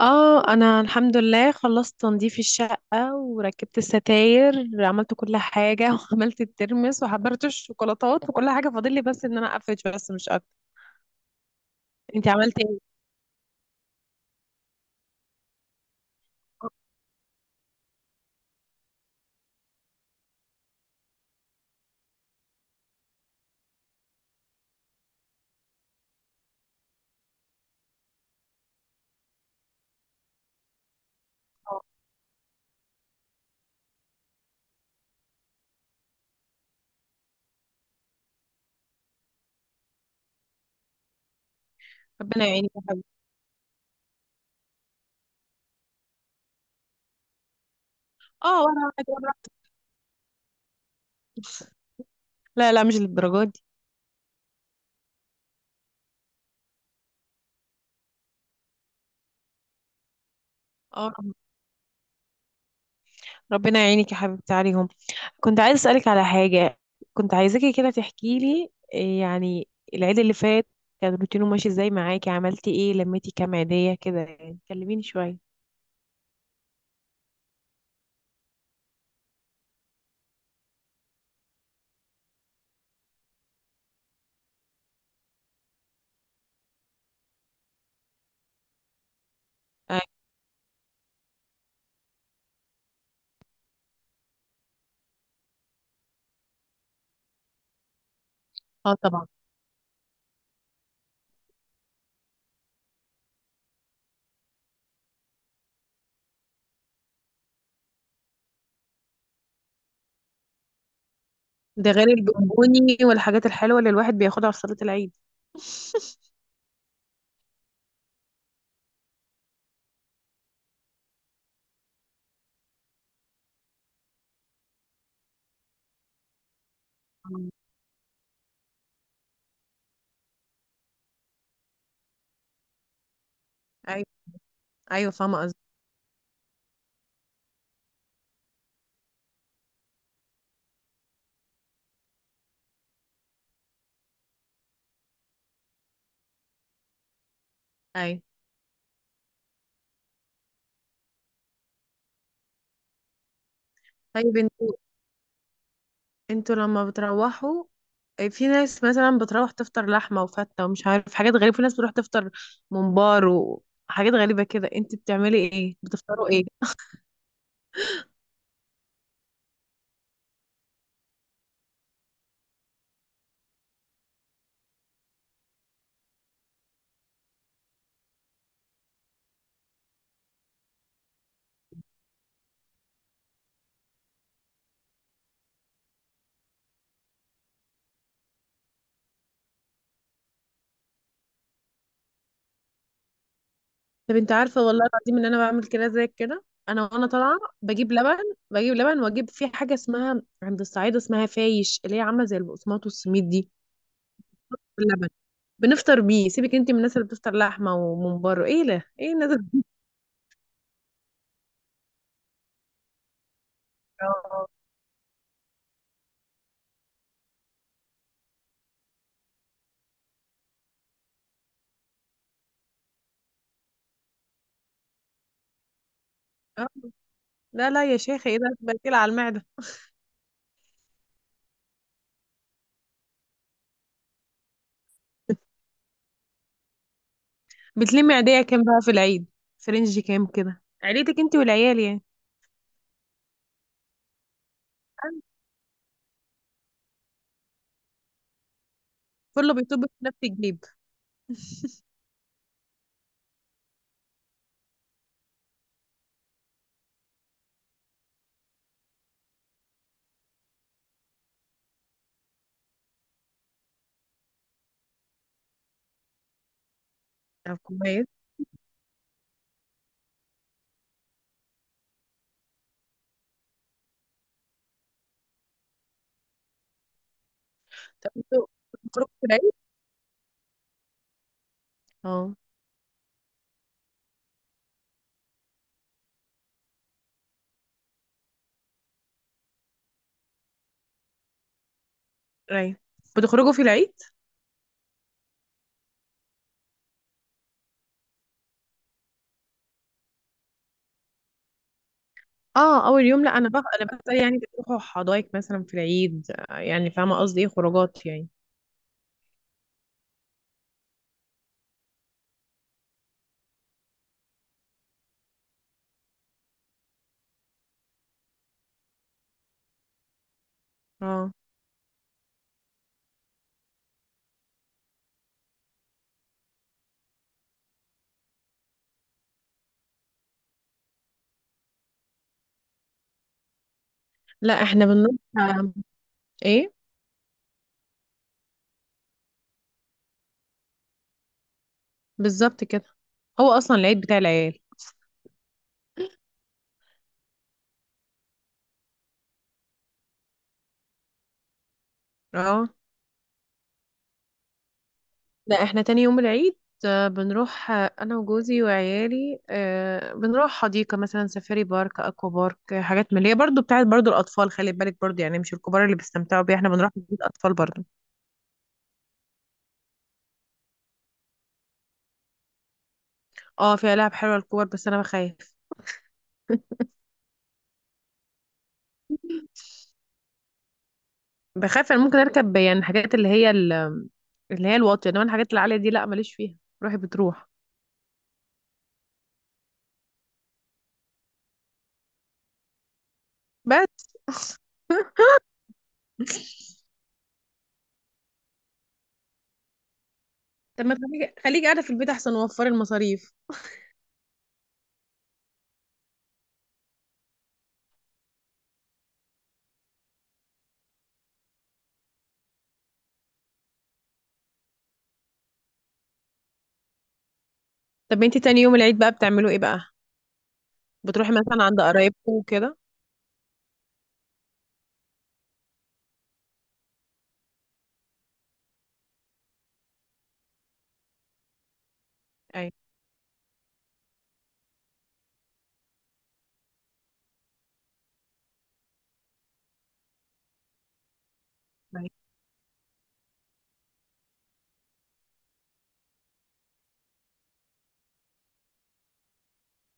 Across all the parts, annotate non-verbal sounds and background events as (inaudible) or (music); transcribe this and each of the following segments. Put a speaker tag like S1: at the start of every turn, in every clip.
S1: اه، انا الحمد لله خلصت تنظيف الشقة وركبت الستاير. عملت كل حاجة (laughs) وعملت الترمس وحضرت الشوكولاتات، وكل حاجة فاضل لي بس ان انا اقفش، بس مش اكتر. انت عملتي ايه؟ اه. ربنا يعينك يا حبيبتي. اه، وانا واحد، وانا واحد. لا لا، مش للدرجة دي. اه، ربنا يعينك يا حبيبتي عليهم. كنت عايزة اسألك على حاجة. كنت عايزاكي كده تحكي لي إيه، يعني العيد اللي فات كان روتينه ماشي ازاي معاكي؟ عملتي ايه؟ لميتي كام عيدية كده؟ يعني كلميني شوية. اه. آه، طبعا. ده غير البونبوني والحاجات الحلوة اللي الواحد بياخدها في صلاة العيد (laughs) مم. ايوه. ايوه، فاهمة قصدي. ايوه. طيب انتوا لما بتروحوا، آه، في ناس مثلا بتروح تفطر لحمة وفتة ومش عارف حاجات غريبة، في ناس بتروح تفطر ممبار وحاجات غريبة كده، انت بتعملي ايه؟ بتفطروا ايه؟ طب انت عارفة والله العظيم ان انا بعمل كده، زي كده انا، وانا طالعة بجيب لبن. بجيب لبن واجيب في حاجة اسمها عند الصعيد اسمها فايش، اللي هي عاملة زي البقسماط والسميد دي، باللبن. بنفطر بيه. سيبك انت من الناس اللي بتفطر لحمه وممبار، ايه ده، ايه الناس اللي-. اه. آه. لا لا يا شيخه، ايه ده. بتقيل على المعده. بتلمي عيديه كام بقى في العيد؟ فرنج كام كده عيلتك انت والعيال يعني؟ كله بيطب في نفس الجيب. طب كويس. طب انتوا بتخرجوا في العيد؟ اه. ايوه، بتخرجوا في العيد. اه، اول يوم. لا انا بقى يعني بتروحوا حدايق مثلا في العيد؟ آه، يعني فاهمه قصدي؟ ايه خروجات يعني. اه. لا احنا بنروح، ايه. بالظبط كده. هو اصلا العيد بتاع العيال. اه. لا احنا تاني يوم العيد، بنروح، انا وجوزي وعيالي، بنروح حديقة مثلا، سفاري بارك، اكوا بارك، حاجات من اللي هي برضو بتاعت برضو الاطفال، خلي بالك برضو يعني مش الكبار اللي بيستمتعوا بيها، احنا بنروح بيت اطفال برضو. اه، فيها لعب حلوة للكبار بس انا بخاف. بخاف انا ممكن اركب يعني الحاجات اللي هي اللي هي الواطية، انما الحاجات العالية دي لا، ماليش فيها. روحي بتروح. بس. طب ما تخليكي، خليكي قاعدة في البيت احسن، وفري المصاريف. طب انتي تاني يوم العيد بقى بتعملوا ايه بقى؟ بتروحي مثلا عند قرايبكم وكده؟ ايوه. ايوه.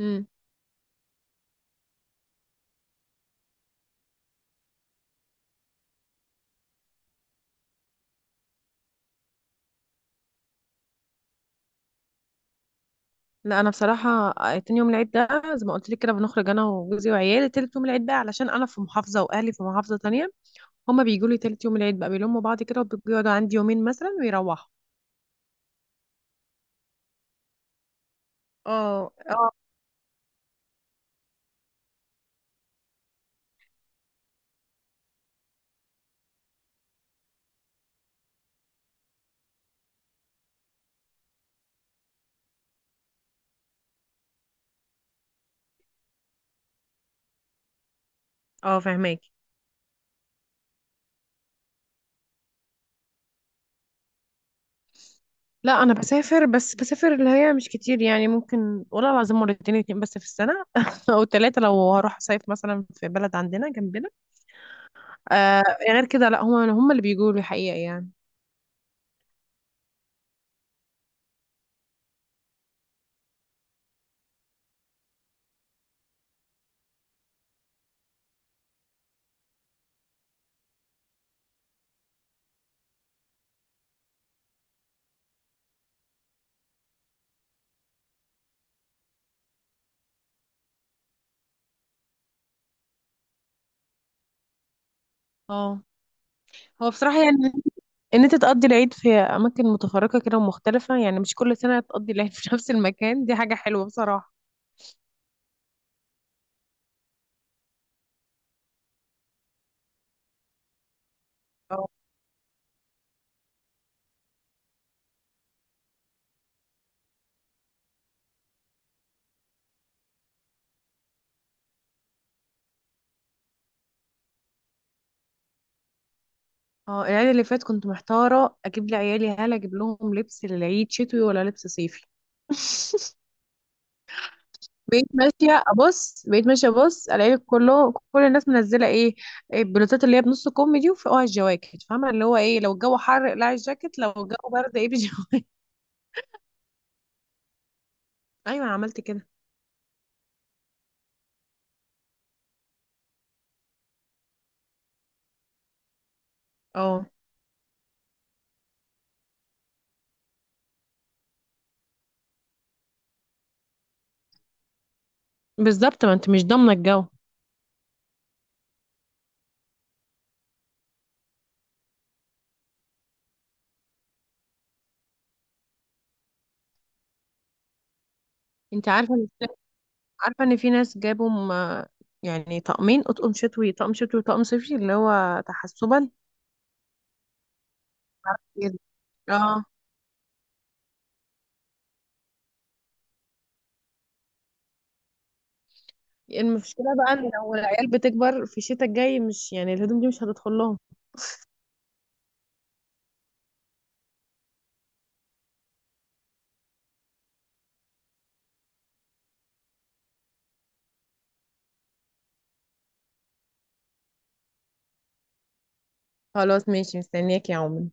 S1: امم لا، انا بصراحه، تاني يوم العيد ده زي ما قلت لك كده بنخرج انا وجوزي وعيالي. تالت يوم العيد بقى، علشان انا في محافظه واهلي في محافظه تانية، هما بيجوا لي تالت يوم العيد بقى، بيلموا بعض كده وبيقعدوا عندي يومين مثلا ويروحوا. اه، اه، اه، فهماك. لا انا بسافر، بس بسافر اللي هي مش كتير، يعني ممكن والله العظيم مرتين، اتنين بس في السنه (laughs) او ثلاثه لو هروح صيف مثلا في بلد عندنا جنبنا. آه. غير كده لا، هما اللي بيجوا لي حقيقه يعني. اه. هو بصراحه يعني، ان انت تقضي العيد في اماكن متفرقه كده ومختلفه، يعني مش كل سنه تقضي العيد (laughs) في نفس المكان، دي حاجه حلوه بصراحه. اه، اه. العيد اللي فات كنت محتاره اجيب لعيالي، هل اجيب لهم لبس للعيد شتوي ولا لبس صيفي؟ (laughs) بقيت ماشيه ابص الاقي كل الناس منزله إيه البلوزات اللي هي بنص كم دي، وفوقها الجواكت، فاهمه اللي هو ايه، لو الجو حر اقلعي الجاكيت، لو الجو برد ايه، بالجواكت (laughs) ايوه، انا عملت كده. اه بالظبط، ما انت مش ضامنه الجو. انت عارفة ان في ناس جابوا يعني طقمين، اطقم شتوي، طقم شتوي وطقم صيفي، اللي هو تحسبا. جد. اه. المشكلة بقى ان لو العيال بتكبر في الشتاء الجاي، مش يعني الهدوم دي مش هتدخل لهم. خلاص ماشي، مستنياك يا عمر.